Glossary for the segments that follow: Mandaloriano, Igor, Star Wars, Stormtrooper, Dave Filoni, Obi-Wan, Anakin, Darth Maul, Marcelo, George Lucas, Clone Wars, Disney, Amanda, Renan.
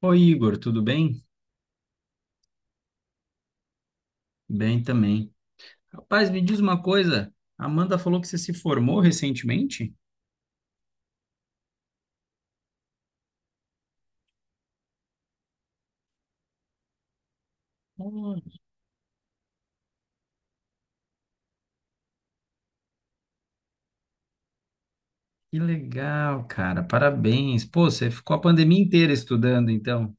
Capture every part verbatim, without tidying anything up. Oi, Igor, tudo bem? Bem também. Rapaz, me diz uma coisa. A Amanda falou que você se formou recentemente? Oh, que legal, cara. Parabéns. Pô, você ficou a pandemia inteira estudando, então.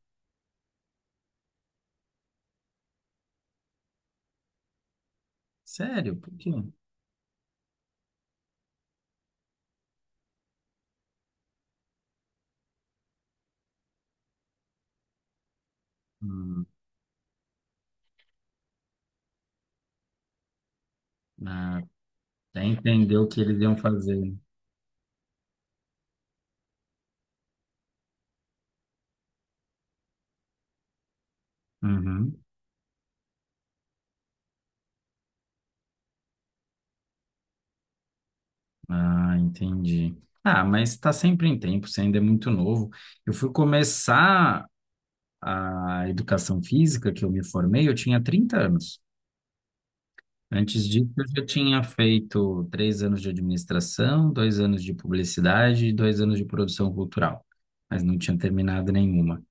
Sério? Por quê? Hum, ah, até entendeu o que eles iam fazer. Uhum. Ah, entendi. Ah, mas está sempre em tempo, você ainda é muito novo. Eu fui começar a educação física, que eu me formei, eu tinha trinta anos. Antes disso, eu já tinha feito três anos de administração, dois anos de publicidade e dois anos de produção cultural, mas não tinha terminado nenhuma.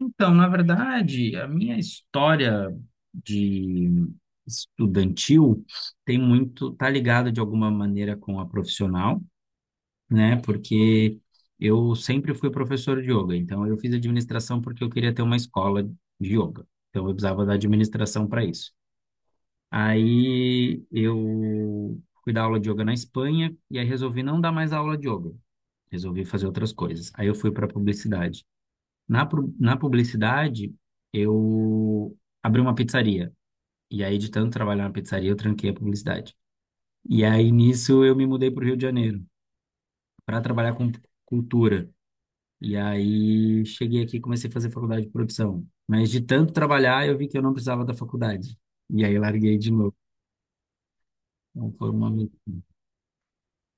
Então, na verdade, a minha história de estudantil tem muito, tá ligada de alguma maneira com a profissional, né? Porque eu sempre fui professor de yoga, então eu fiz administração porque eu queria ter uma escola de yoga. Então, eu precisava da administração para isso. Aí eu fui dar aula de yoga na Espanha e aí resolvi não dar mais aula de yoga. Resolvi fazer outras coisas. Aí eu fui para publicidade. Na, pu- na publicidade, eu abri uma pizzaria. E aí, de tanto trabalhar na pizzaria, eu tranquei a publicidade. E aí, nisso, eu me mudei para o Rio de Janeiro para trabalhar com cultura. E aí, cheguei aqui e comecei a fazer faculdade de produção. Mas de tanto trabalhar, eu vi que eu não precisava da faculdade. E aí, larguei de novo. Então, foi uma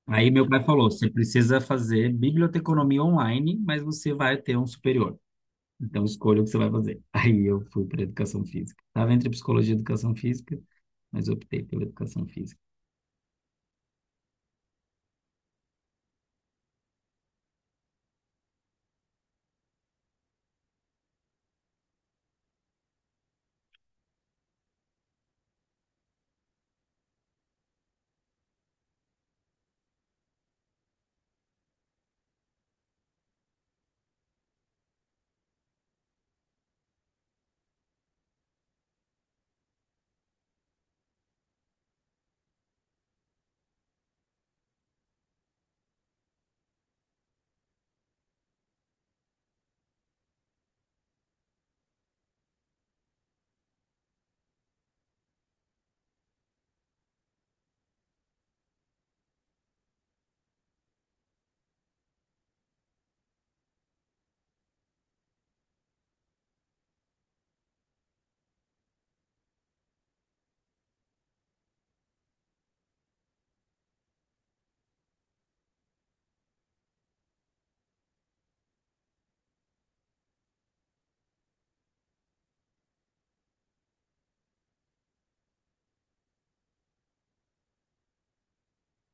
aí meu pai falou, você precisa fazer biblioteconomia online, mas você vai ter um superior. Então escolha o que você vai fazer. Aí eu fui para educação física. Estava entre psicologia e educação física, mas optei pela educação física.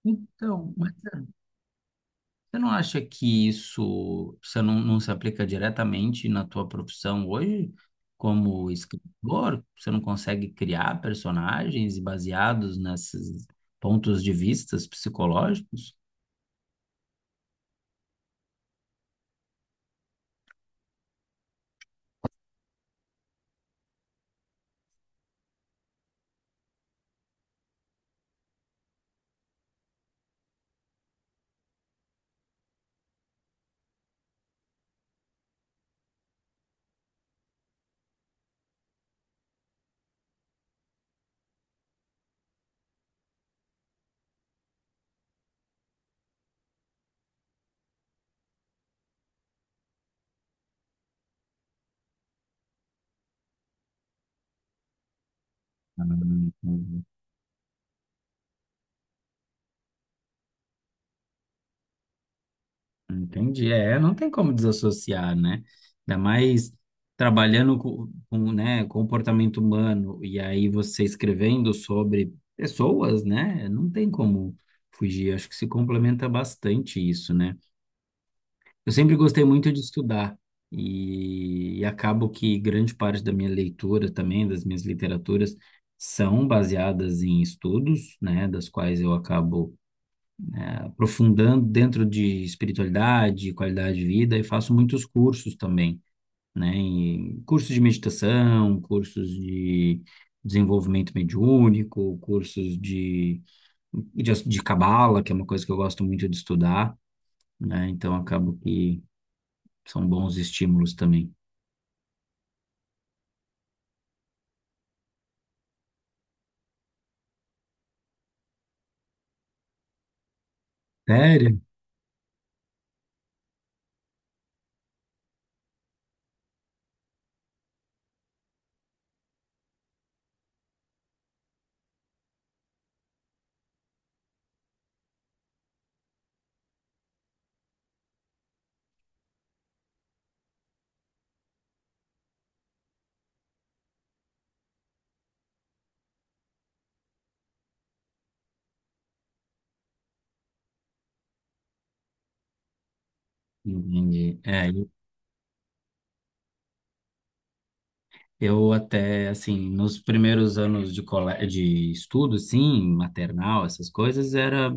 Então, Marcelo, você não acha que isso, você não, não se aplica diretamente na tua profissão hoje? Como escritor, você não consegue criar personagens baseados nesses pontos de vistas psicológicos? Ah, entendi. É, não tem como desassociar, né? Ainda mais trabalhando com, com, né, comportamento humano e aí você escrevendo sobre pessoas, né? Não tem como fugir. Acho que se complementa bastante isso, né? Eu sempre gostei muito de estudar e, e acabo que grande parte da minha leitura também, das minhas literaturas, são baseadas em estudos, né? Das quais eu acabo aprofundando dentro de espiritualidade, qualidade de vida e faço muitos cursos também, né? E cursos de meditação, cursos de desenvolvimento mediúnico, cursos de de, de cabala, que é uma coisa que eu gosto muito de estudar, né? Então acabo que são bons estímulos também. Sério? Entendi. É, eu até, assim, nos primeiros anos de, cole... de estudo, assim, maternal, essas coisas, era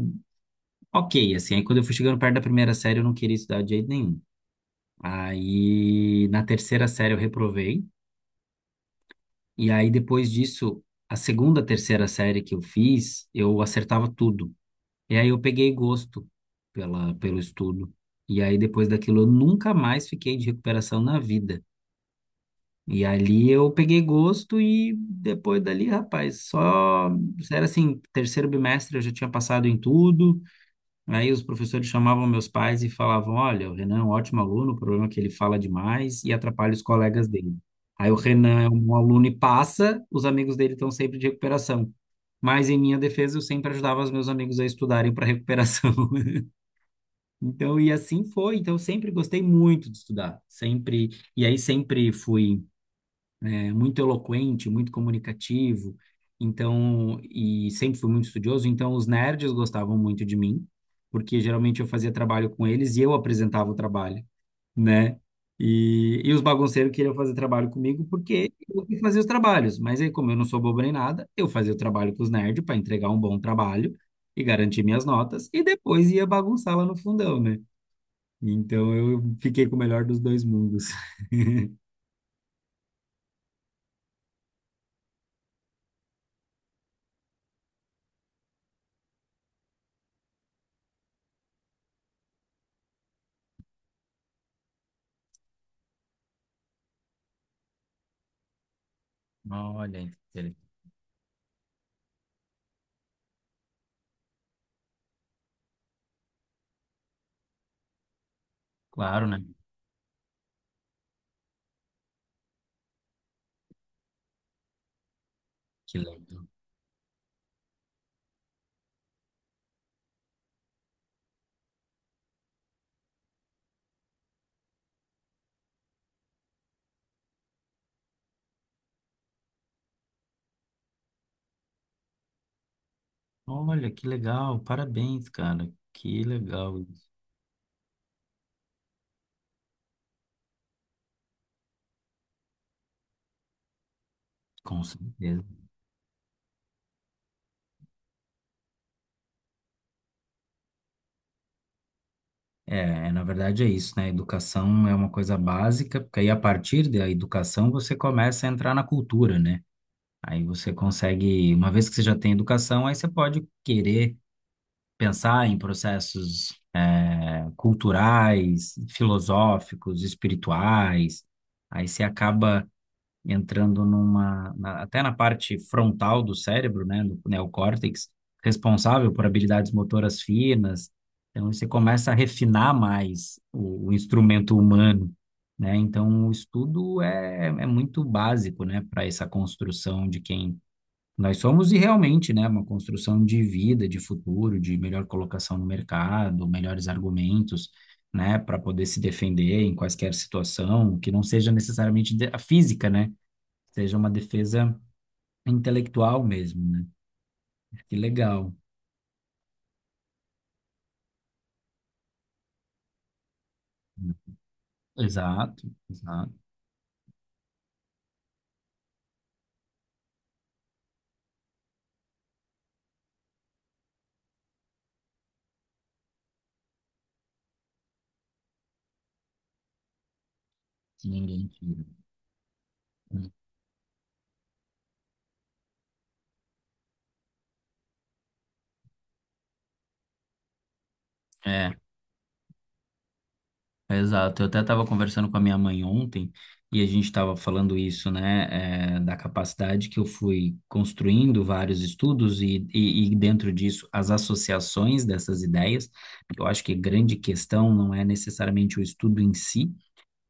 ok, assim. Aí quando eu fui chegando perto da primeira série, eu não queria estudar de jeito nenhum. Aí, na terceira série, eu reprovei. E aí, depois disso, a segunda, terceira série que eu fiz, eu acertava tudo. E aí, eu peguei gosto pela, pelo estudo. E aí, depois daquilo, eu nunca mais fiquei de recuperação na vida. E ali, eu peguei gosto e depois dali, rapaz, só... Era assim, terceiro bimestre, eu já tinha passado em tudo. Aí os professores chamavam meus pais e falavam: Olha, o Renan é um ótimo aluno, o problema é que ele fala demais e atrapalha os colegas dele. Aí o Renan é um aluno e passa, os amigos dele estão sempre de recuperação. Mas em minha defesa, eu sempre ajudava os meus amigos a estudarem para recuperação. Então, e assim foi. Então, eu sempre gostei muito de estudar, sempre. E aí sempre fui é, muito eloquente, muito comunicativo, então, e sempre fui muito estudioso, então os nerds gostavam muito de mim, porque geralmente eu fazia trabalho com eles e eu apresentava o trabalho, né? E, e os bagunceiros queriam fazer trabalho comigo porque eu que fazia os trabalhos, mas aí, como eu não sou bobo nem nada, eu fazia o trabalho com os nerds para entregar um bom trabalho e garantir minhas notas, e depois ia bagunçar lá no fundão, né? Então eu fiquei com o melhor dos dois mundos. Olha, inter- claro, né? Que legal. Olha, que legal, parabéns, cara. Que legal, isso. Com certeza. É, é, na verdade é isso, né? Educação é uma coisa básica, porque aí a partir da educação você começa a entrar na cultura, né? Aí você consegue, uma vez que você já tem educação, aí você pode querer pensar em processos, é, culturais, filosóficos, espirituais. Aí você acaba entrando numa, na- até na parte frontal do cérebro, né, no neocórtex, responsável por habilidades motoras finas. Então, você começa a refinar mais o, o instrumento humano, né? Então, o estudo é, é muito básico, né, para essa construção de quem nós somos e realmente, né, uma construção de vida, de futuro, de melhor colocação no mercado, melhores argumentos, né, para poder se defender em quaisquer situação, que não seja necessariamente de- a física, né? Seja uma defesa intelectual mesmo, né? Que legal. Exato, exato. Que ninguém tira. É, exato. Eu até estava conversando com a minha mãe ontem e a gente estava falando isso, né, é, da capacidade que eu fui construindo vários estudos e, e, e dentro disso as associações dessas ideias. Eu acho que a grande questão não é necessariamente o estudo em si,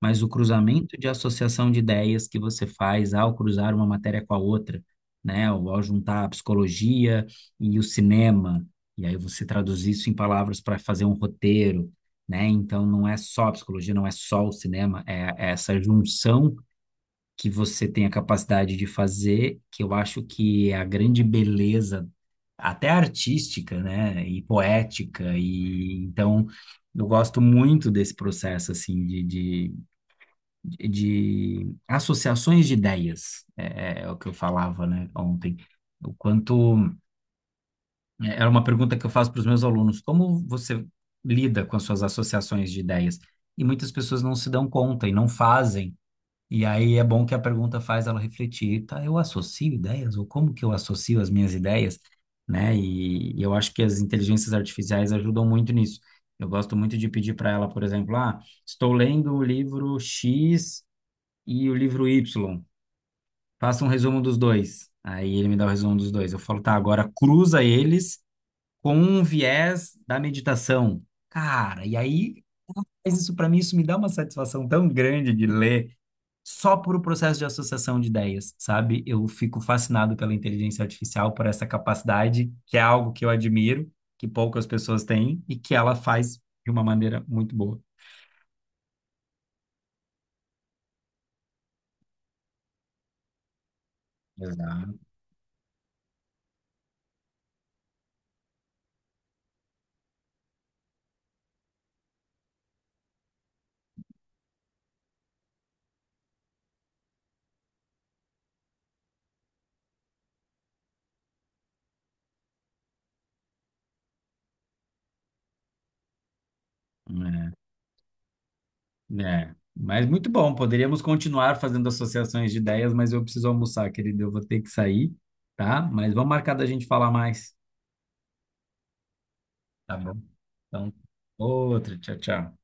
mas o cruzamento de associação de ideias que você faz ao cruzar uma matéria com a outra, né? Ou ao juntar a psicologia e o cinema, e aí você traduz isso em palavras para fazer um roteiro, né? Então não é só a psicologia, não é só o cinema, é, é essa junção que você tem a capacidade de fazer, que eu acho que é a grande beleza, até artística, né? E poética, e então eu gosto muito desse processo assim de, de de, de associações de ideias, é, é é o que eu falava, né, ontem. O quanto é, era uma pergunta que eu faço para os meus alunos, como você lida com as suas associações de ideias? E muitas pessoas não se dão conta e não fazem. E aí é bom que a pergunta faz ela refletir, tá, eu associo ideias ou como que eu associo as minhas ideias, né? E, e eu acho que as inteligências artificiais ajudam muito nisso. Eu gosto muito de pedir para ela, por exemplo, ah, estou lendo o livro X e o livro Y. Faça um resumo dos dois. Aí ele me dá o resumo dos dois. Eu falo, tá, agora cruza eles com um viés da meditação. Cara, e aí, mas isso para mim, isso me dá uma satisfação tão grande de ler só por o processo de associação de ideias, sabe? Eu fico fascinado pela inteligência artificial, por essa capacidade, que é algo que eu admiro, que poucas pessoas têm e que ela faz de uma maneira muito boa. Exato. É, mas muito bom. Poderíamos continuar fazendo associações de ideias, mas eu preciso almoçar, querido. Eu vou ter que sair, tá? Mas vamos marcar da gente falar mais. Tá bom? Então, outra. Tchau, tchau.